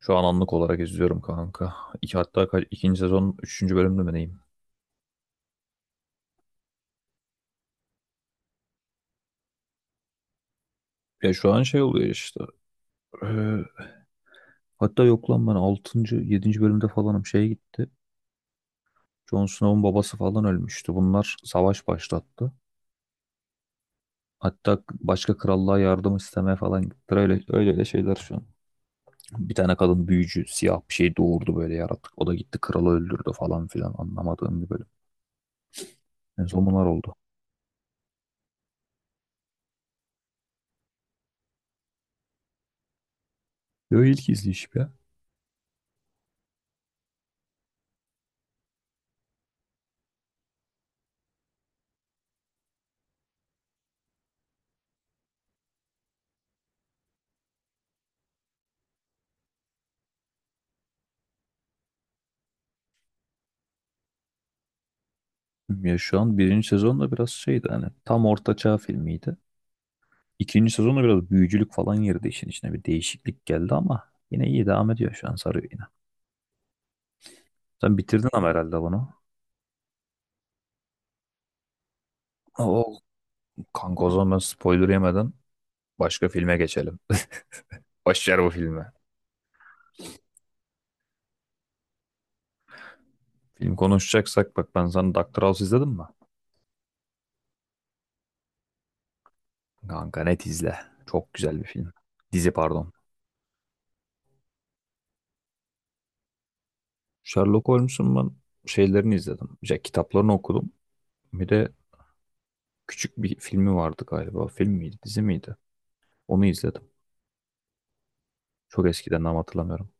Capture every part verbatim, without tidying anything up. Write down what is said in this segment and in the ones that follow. Şu an anlık olarak izliyorum kanka. İki, hatta kaç, ikinci sezon üçüncü bölümde mi neyim? Ya şu an şey oluyor işte. Ee, Hatta yok lan ben altıncı, yedinci bölümde falanım şey gitti. Jon Snow'un babası falan ölmüştü. Bunlar savaş başlattı. Hatta başka krallığa yardım istemeye falan gittiler. Öyle, öyle öyle şeyler şu an. Bir tane kadın büyücü siyah bir şey doğurdu böyle yaratık. O da gitti kralı öldürdü falan filan anlamadığım bir bölüm. En son bunlar oldu. Yo, ilk izleyişim ya. Ya şu an birinci sezon da biraz şeydi hani tam ortaçağ filmiydi. İkinci sezonda biraz büyücülük falan girdi işin içine. Bir değişiklik geldi ama yine iyi devam ediyor şu an sarıyor yine. Sen bitirdin ama herhalde bunu. Oo, kanka o zaman ben spoiler yemeden başka filme geçelim. Başlar bu filme. Film konuşacaksak bak ben sana Doctor House izledin mi? Kanka net izle. Çok güzel bir film. Dizi pardon. Sherlock Holmes'un ben şeylerini izledim. İşte kitaplarını okudum. Bir de küçük bir filmi vardı galiba. Film miydi, dizi miydi? Onu izledim. Çok eskiden ama hatırlamıyorum.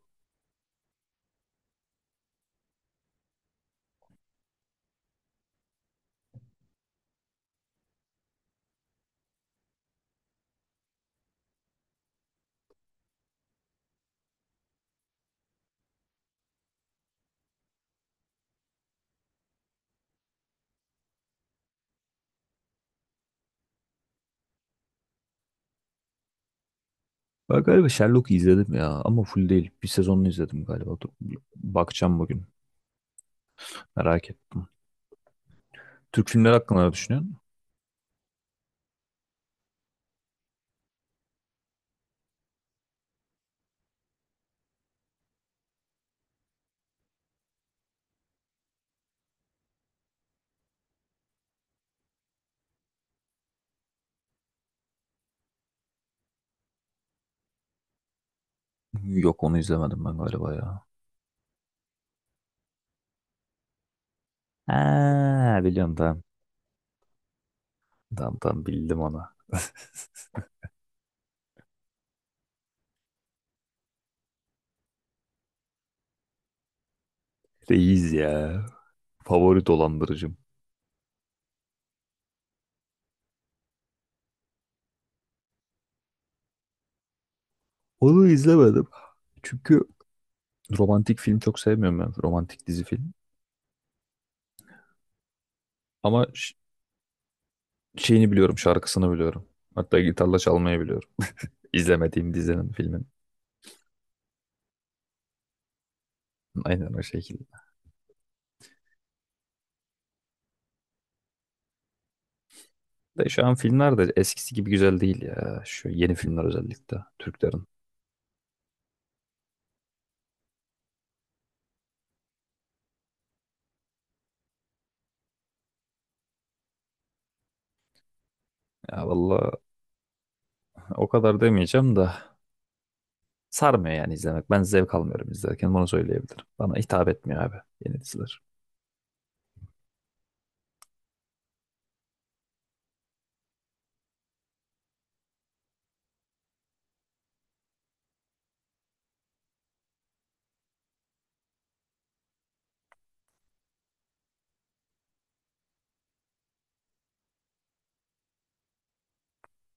Ben galiba Sherlock'u izledim ya ama full değil. Bir sezonunu izledim galiba. Dur, bakacağım bugün. Merak ettim. Türk filmleri hakkında ne düşünüyorsun? Yok, onu izlemedim ben galiba ya. Ha, biliyorum, tamam. Tamam tamam, bildim onu. Reis ya. Favori dolandırıcım. Onu izlemedim. Çünkü romantik film çok sevmiyorum ben. Romantik dizi film. Ama ş- şeyini biliyorum, şarkısını biliyorum. Hatta gitarla çalmayı biliyorum. İzlemediğim dizinin, filmin. Aynen o şekilde. De şu an filmler de eskisi gibi güzel değil ya. Şu yeni filmler özellikle Türklerin. Ya valla o kadar demeyeceğim da sarmıyor yani izlemek. Ben zevk almıyorum izlerken bunu söyleyebilirim. Bana hitap etmiyor abi yeni diziler.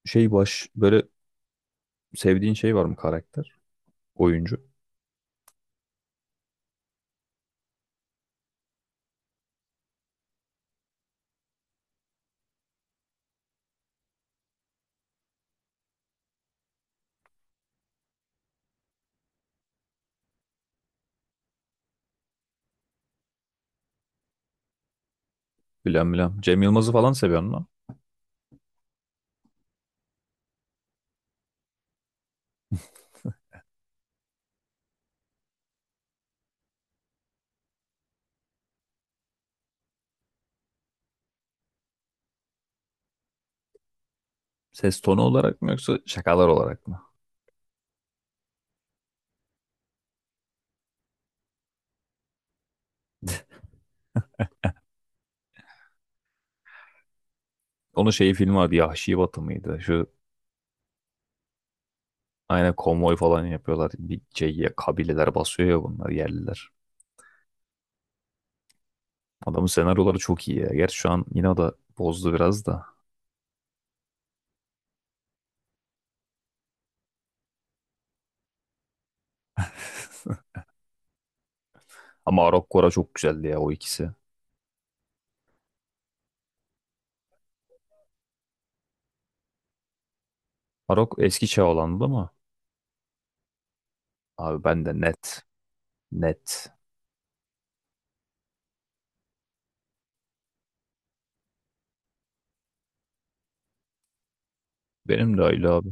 Şey, baş böyle sevdiğin şey var mı, karakter? Oyuncu? Bilmem bilmem. Cem Yılmaz'ı falan seviyor musun? Ses tonu olarak mı yoksa şakalar olarak mı? Onun şeyi filmi vardı, Yahşi Batı mıydı? Şu aynen konvoy falan yapıyorlar. Bir şey, ya, kabileler basıyor ya bunlar, yerliler. Adamın senaryoları çok iyi ya. Gerçi şu an yine o da bozdu biraz da. Ama Arok Gora çok güzeldi ya o ikisi. Arok eski çağ olandı ama abi ben de net. Net. Benim de öyle abi.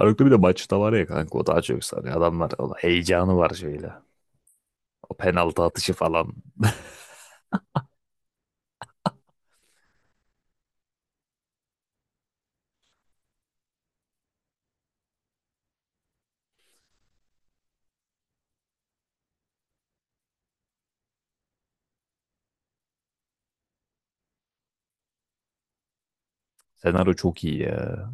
Arok'ta bir de maçta var ya kanka, o daha çok sarıyor. Adamlar, o heyecanı var şöyle. O penaltı atışı falan. Senaryo çok iyi ya.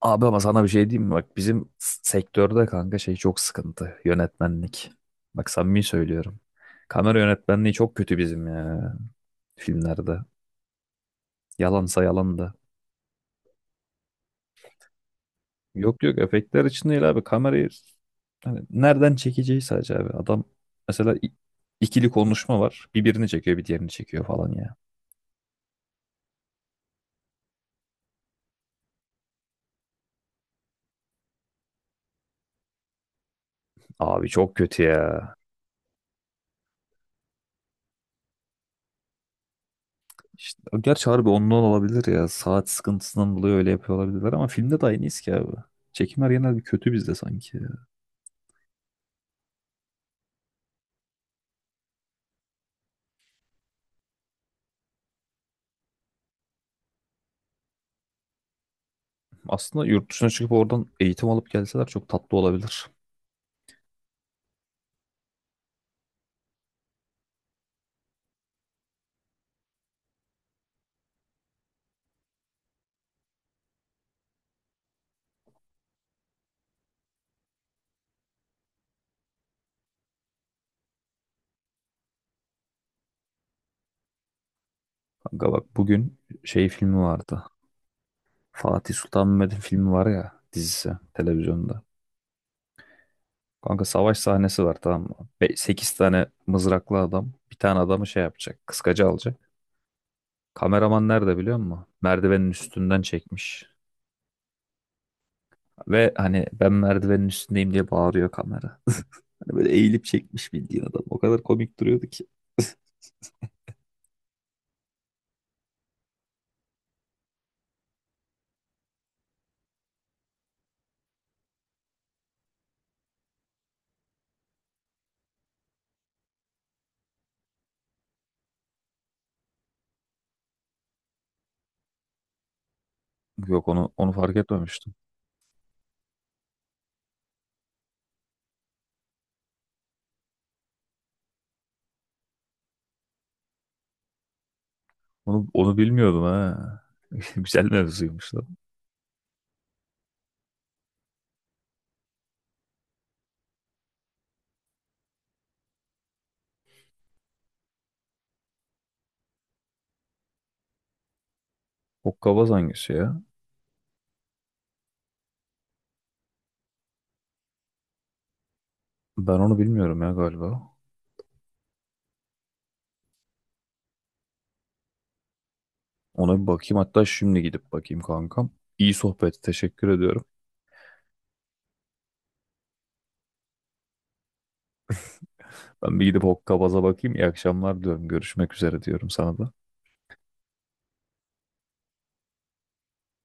Abi ama sana bir şey diyeyim mi? Bak bizim s- sektörde kanka şey çok sıkıntı. Yönetmenlik. Bak samimi söylüyorum. Kamera yönetmenliği çok kötü bizim ya, filmlerde. Yalansa yalan da. Yok yok, efektler için değil abi, kamerayı hani nereden çekeceği sadece abi. Adam mesela i- ikili konuşma var, bir birini çekiyor bir diğerini çekiyor falan ya. Abi çok kötü ya. İşte, gerçi harbi ondan olabilir ya, saat sıkıntısından dolayı öyle yapıyor olabilirler, ama filmde de aynıyız ki abi. Çekimler genelde bir kötü bizde sanki ya. Aslında yurt dışına çıkıp oradan eğitim alıp gelseler çok tatlı olabilir. Kanka bak bugün şey filmi vardı. Fatih Sultan Mehmet'in filmi var ya, dizisi televizyonda. Kanka, savaş sahnesi var tamam mı? Sekiz tane mızraklı adam bir tane adamı şey yapacak. Kıskacı alacak. Kameraman nerede biliyor musun? Merdivenin üstünden çekmiş. Ve hani ben merdivenin üstündeyim diye bağırıyor kamera. Hani böyle eğilip çekmiş bildiğin adam. O kadar komik duruyordu ki. Yok, onu onu fark etmemiştim. Onu onu bilmiyordum ha. Güzel mevzuymuş lan. Hokkabaz hangisi ya? Ben onu bilmiyorum ya galiba. Ona bir bakayım, hatta şimdi gidip bakayım kankam. İyi sohbet, teşekkür ediyorum. Ben bir gidip Hokkabaz'a bakayım. İyi akşamlar diyorum. Görüşmek üzere diyorum sana da.